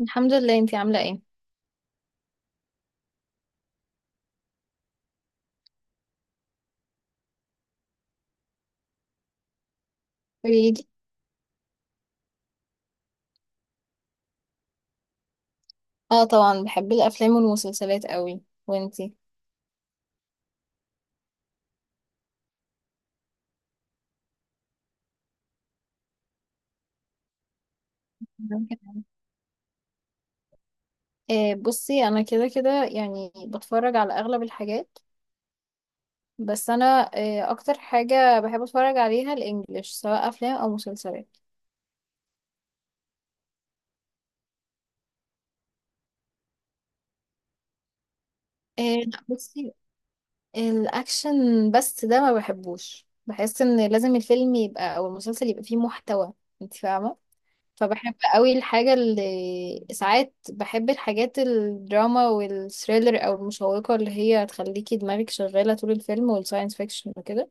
الحمد لله، انتي عاملة ايه؟ قوليلي. اه طبعا بحب الافلام والمسلسلات قوي، وانتي؟ مم. آه بصي، انا كده كده يعني بتفرج على اغلب الحاجات، بس انا آه اكتر حاجة بحب اتفرج عليها الانجليش سواء افلام او مسلسلات. آه لا بصي، الاكشن بس ده ما بحبوش، بحس ان لازم الفيلم يبقى او المسلسل يبقى فيه محتوى، انتي فاهمة. فبحب قوي الحاجة اللي، ساعات بحب الحاجات الدراما والثريلر او المشوقة اللي هي تخليكي دماغك شغالة طول الفيلم، والساينس فيكشن وكده.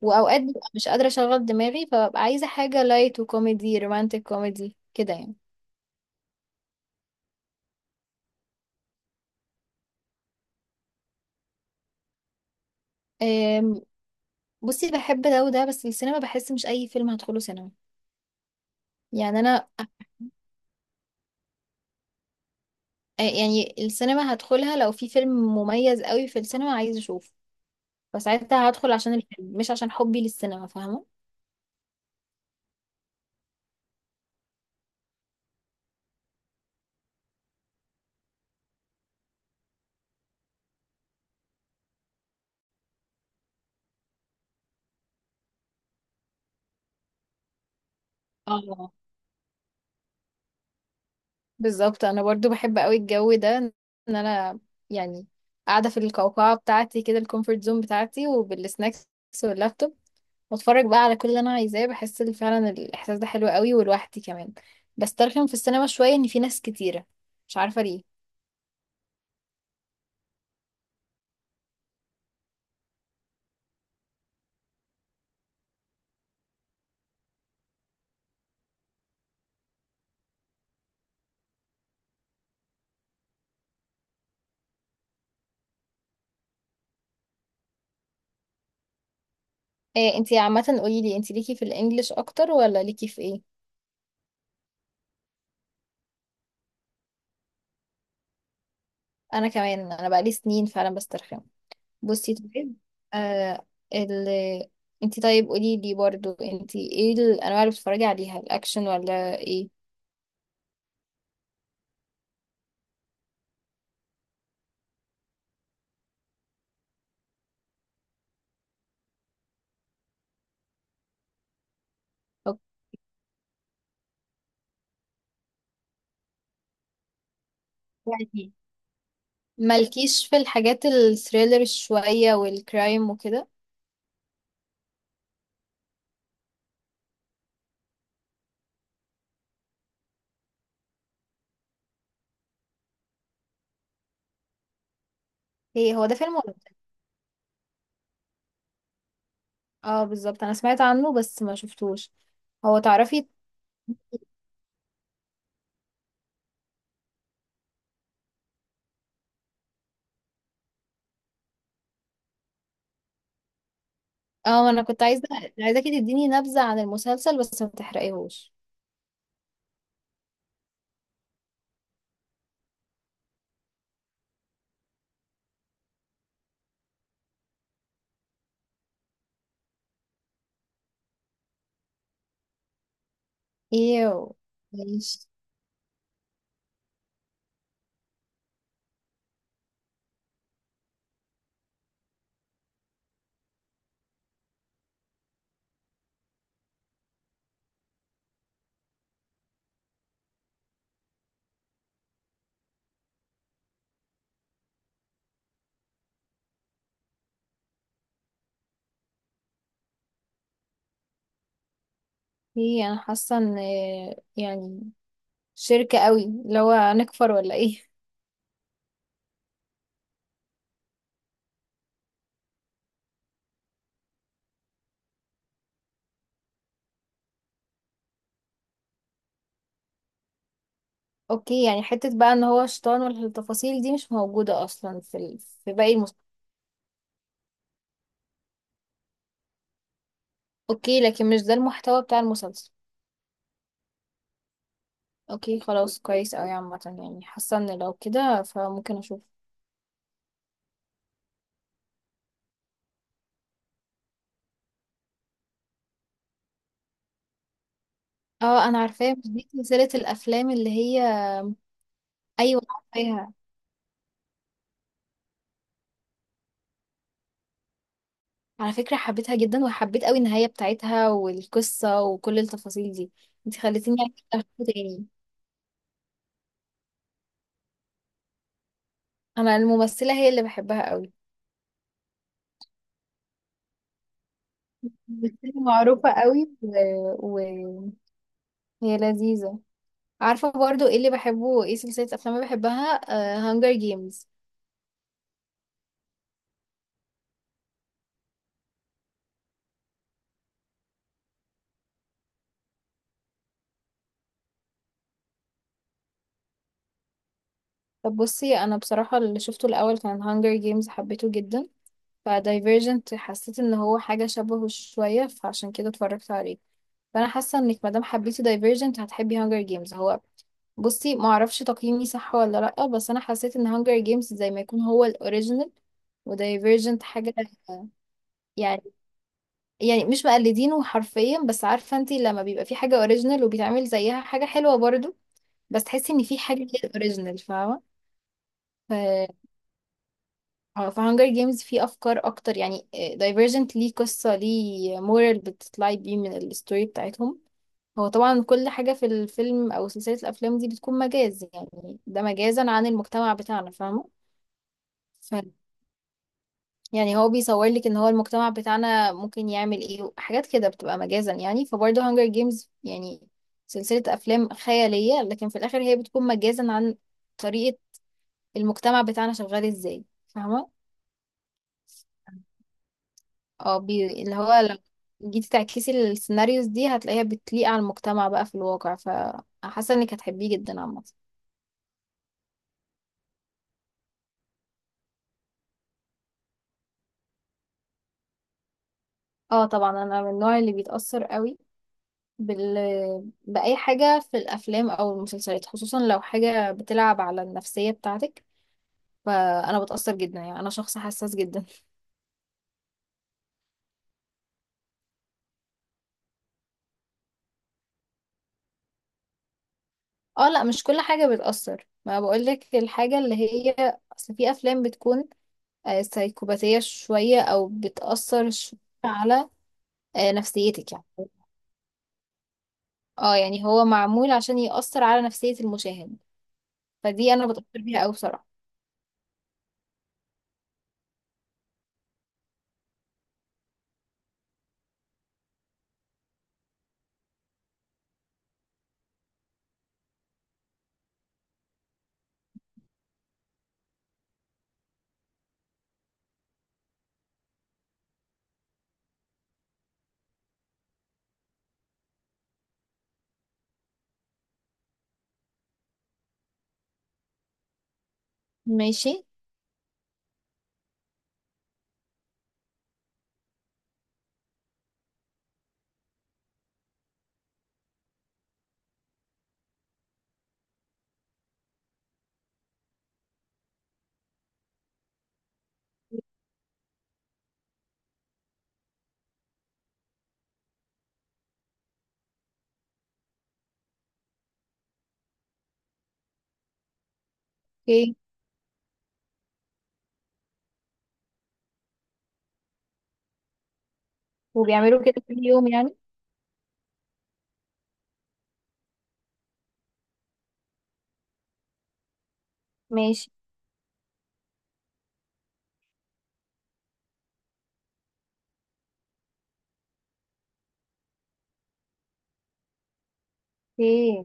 واوقات ببقى مش قادرة اشغل دماغي، فببقى عايزة حاجة لايت وكوميدي، رومانتك كوميدي كده يعني. أم، بصي بحب ده وده، بس السينما بحس مش اي فيلم هدخله سينما، يعني انا. يعني السينما هدخلها لو في فيلم مميز قوي في السينما عايز اشوفه، فساعتها هدخل عشان الفيلم مش عشان حبي للسينما، فاهمة. اه بالظبط، انا برضو بحب قوي الجو ده ان انا يعني قاعده في القوقعه بتاعتي كده، الكومفورت زون بتاعتي، وبالسناكس واللابتوب، واتفرج بقى على كل اللي انا عايزاه، بحس إن فعلا الاحساس ده حلو قوي، ولوحدي كمان. بسترخم في السينما شويه ان في ناس كتيره، مش عارفه ليه. إيه انتي عامه، قولي لي انتي ليكي في الانجليش اكتر ولا ليكي في ايه؟ انا كمان، انا بقالي سنين فعلا بسترخم. بصي طيب، آه ال انت طيب قولي لي برضو، انت ايه الانواع اللي بتتفرجي عليها، الاكشن ولا ايه؟ أو يعني مالكيش في الحاجات الثريلر شوية والكرايم وكده؟ ايه هو ده فيلم ولا مسلسل؟ اه بالظبط انا سمعت عنه بس ما شفتوش. هو تعرفي، اه ما انا كنت عايزة، عايزاكي تديني نبذة عن المسلسل بس ما تحرقيهوش. ايه. ماشي. ايه انا حاسة ان يعني شركة قوي، اللي هو هنكفر ولا ايه؟ اوكي، يعني حتة بقى ان هو شيطان والتفاصيل دي مش موجودة اصلا في باقي المسلسل. اوكي، لكن مش ده المحتوى بتاع المسلسل. اوكي خلاص، كويس اوي عامة، يعني حاسة ان لو كده فممكن اشوف. اه انا عارفاه، مش دي سلسلة الافلام اللي هي. ايوه عارفاها. على فكرة حبيتها جدا، وحبيت اوي النهاية بتاعتها والقصة وكل التفاصيل دي. انت خليتيني اشوفه تاني. انا الممثلة هي اللي بحبها اوي، ممثلة معروفة اوي وهي لذيذة. عارفة برضو ايه اللي بحبه، ايه سلسلة افلام اللي بحبها، هانجر جيمز. طب بصي، انا بصراحة اللي شفته الاول كان هانجر جيمز، حبيته جدا، فدايفرجنت حسيت ان هو حاجة شبهه شوية فعشان كده اتفرجت عليه. فانا حاسة انك مادام حبيتي دايفرجنت هتحبي هانجر جيمز. هو بصي، ما اعرفش تقييمي صح ولا لا، بس انا حسيت ان هانجر جيمز زي ما يكون هو الاوريجينال، ودايفرجنت حاجة يعني يعني مش مقلدينه حرفيا، بس عارفة انتي، لما بيبقى في حاجة اوريجينال وبيتعمل زيها حاجة حلوة برضو، بس تحسي ان في حاجه كده اوريجينال، فاهمه. ف اه في هانجر جيمز في افكار اكتر يعني. دايفرجنت ليه قصه، ليه مورال بتطلعي بيه من الستوري بتاعتهم. هو طبعا كل حاجه في الفيلم او سلسله الافلام دي بتكون مجاز يعني، ده مجازا عن المجتمع بتاعنا، فاهمه. ف يعني هو بيصور لك ان هو المجتمع بتاعنا ممكن يعمل ايه حاجات كده بتبقى مجازا يعني، فبرضه هانجر جيمز يعني سلسله افلام خياليه لكن في الاخر هي بتكون مجازا عن طريقة المجتمع بتاعنا شغال ازاي، فاهمة. اللي هو لو جيتي تعكسي السيناريوز دي هتلاقيها بتليق على المجتمع بقى في الواقع، فحاسة انك هتحبيه جدا عامة. اه طبعا انا من النوع اللي بيتأثر قوي بال... بأي حاجة في الأفلام أو المسلسلات، خصوصا لو حاجة بتلعب على النفسية بتاعتك، فأنا بتأثر جدا، يعني أنا شخص حساس جدا. اه لا مش كل حاجة بتأثر، ما بقولك الحاجة اللي هي، أصل في أفلام بتكون سيكوباتية شوية أو بتأثر شوية على نفسيتك يعني. اه يعني هو معمول عشان يأثر على نفسية المشاهد، فدي أنا بتأثر بيها أوي بصراحة. ماشي. اوكي. وبيعملوا كده كل يوم يعني؟ ماشي. اوكي.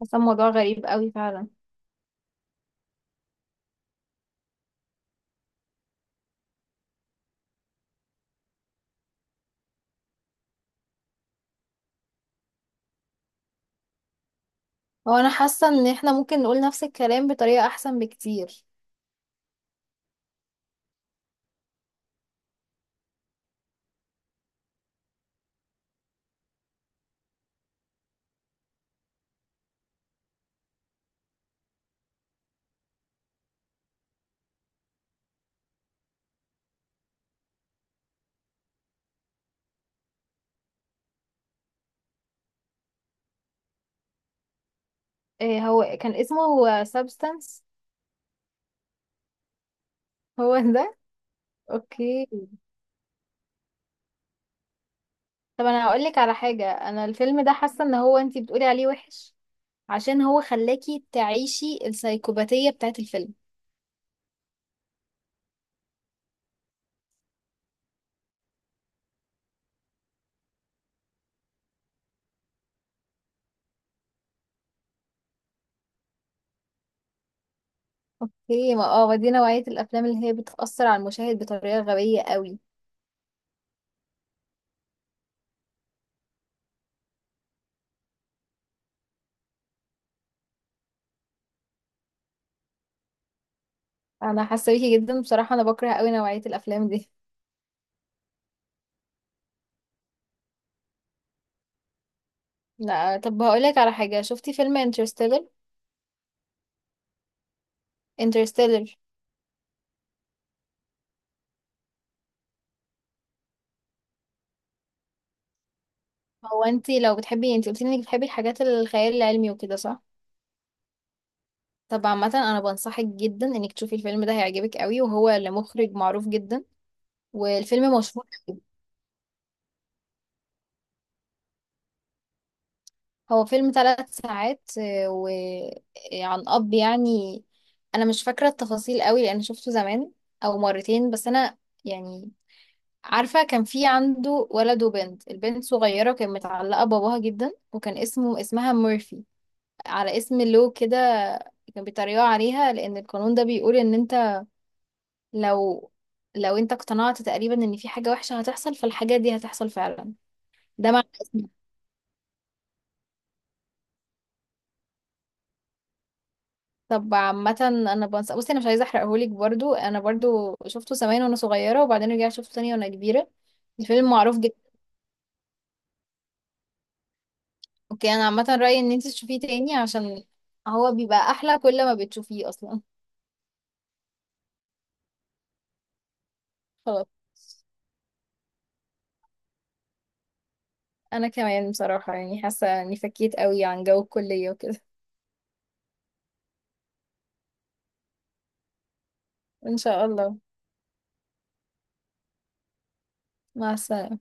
حاسة الموضوع غريب أوي فعلا. هو أنا حاسة إن احنا ممكن نقول نفس الكلام بطريقة أحسن بكتير. إيه هو كان اسمه سابستانس؟ هو ده. اوكي. طب انا هقولك على حاجة، انا الفيلم ده حاسة ان هو انتي بتقولي عليه وحش عشان هو خلاكي تعيشي السايكوباتية بتاعت الفيلم. هي ما اه دي نوعية الأفلام اللي هي بتأثر على المشاهد بطريقة غبية قوي. أنا حاسة بيكي جدا بصراحة، أنا بكره قوي نوعية الأفلام دي. لا طب هقولك على حاجة، شفتي فيلم انترستيلر؟ انترستيلر. هو انتي لو بتحبي، انتي قلتي انك بتحبي الحاجات الخيال العلمي وكده، صح؟ طب عامة أنا بنصحك جدا انك تشوفي الفيلم ده، هيعجبك قوي، وهو لمخرج معروف جدا، والفيلم مشهور. هو فيلم 3 ساعات، وعن أب يعني. أنا مش فاكرة التفاصيل قوي لأن شفته زمان، أو مرتين بس. أنا يعني عارفة، كان في عنده ولد وبنت، البنت صغيرة وكانت متعلقة بباباها جدا، وكان اسمه اسمها مورفي، على اسم لو كده. كان بيتريقوا عليها لأن القانون ده بيقول إن أنت لو لو أنت اقتنعت تقريبا إن في حاجة وحشة هتحصل فالحاجة دي هتحصل فعلا. ده معنى. طب عامة انا بنسى. بصي انا مش عايزة احرقهولك برضو، انا برضو شفته زمان وانا صغيرة وبعدين رجعت شفته تاني وانا كبيرة. الفيلم معروف جدا. اوكي انا عامة رأيي ان انت تشوفيه تاني عشان هو بيبقى احلى كل ما بتشوفيه اصلا. خلاص. انا كمان بصراحة يعني حاسة اني فكيت قوي عن جو الكلية وكده. ان شاء الله. مع السلامة.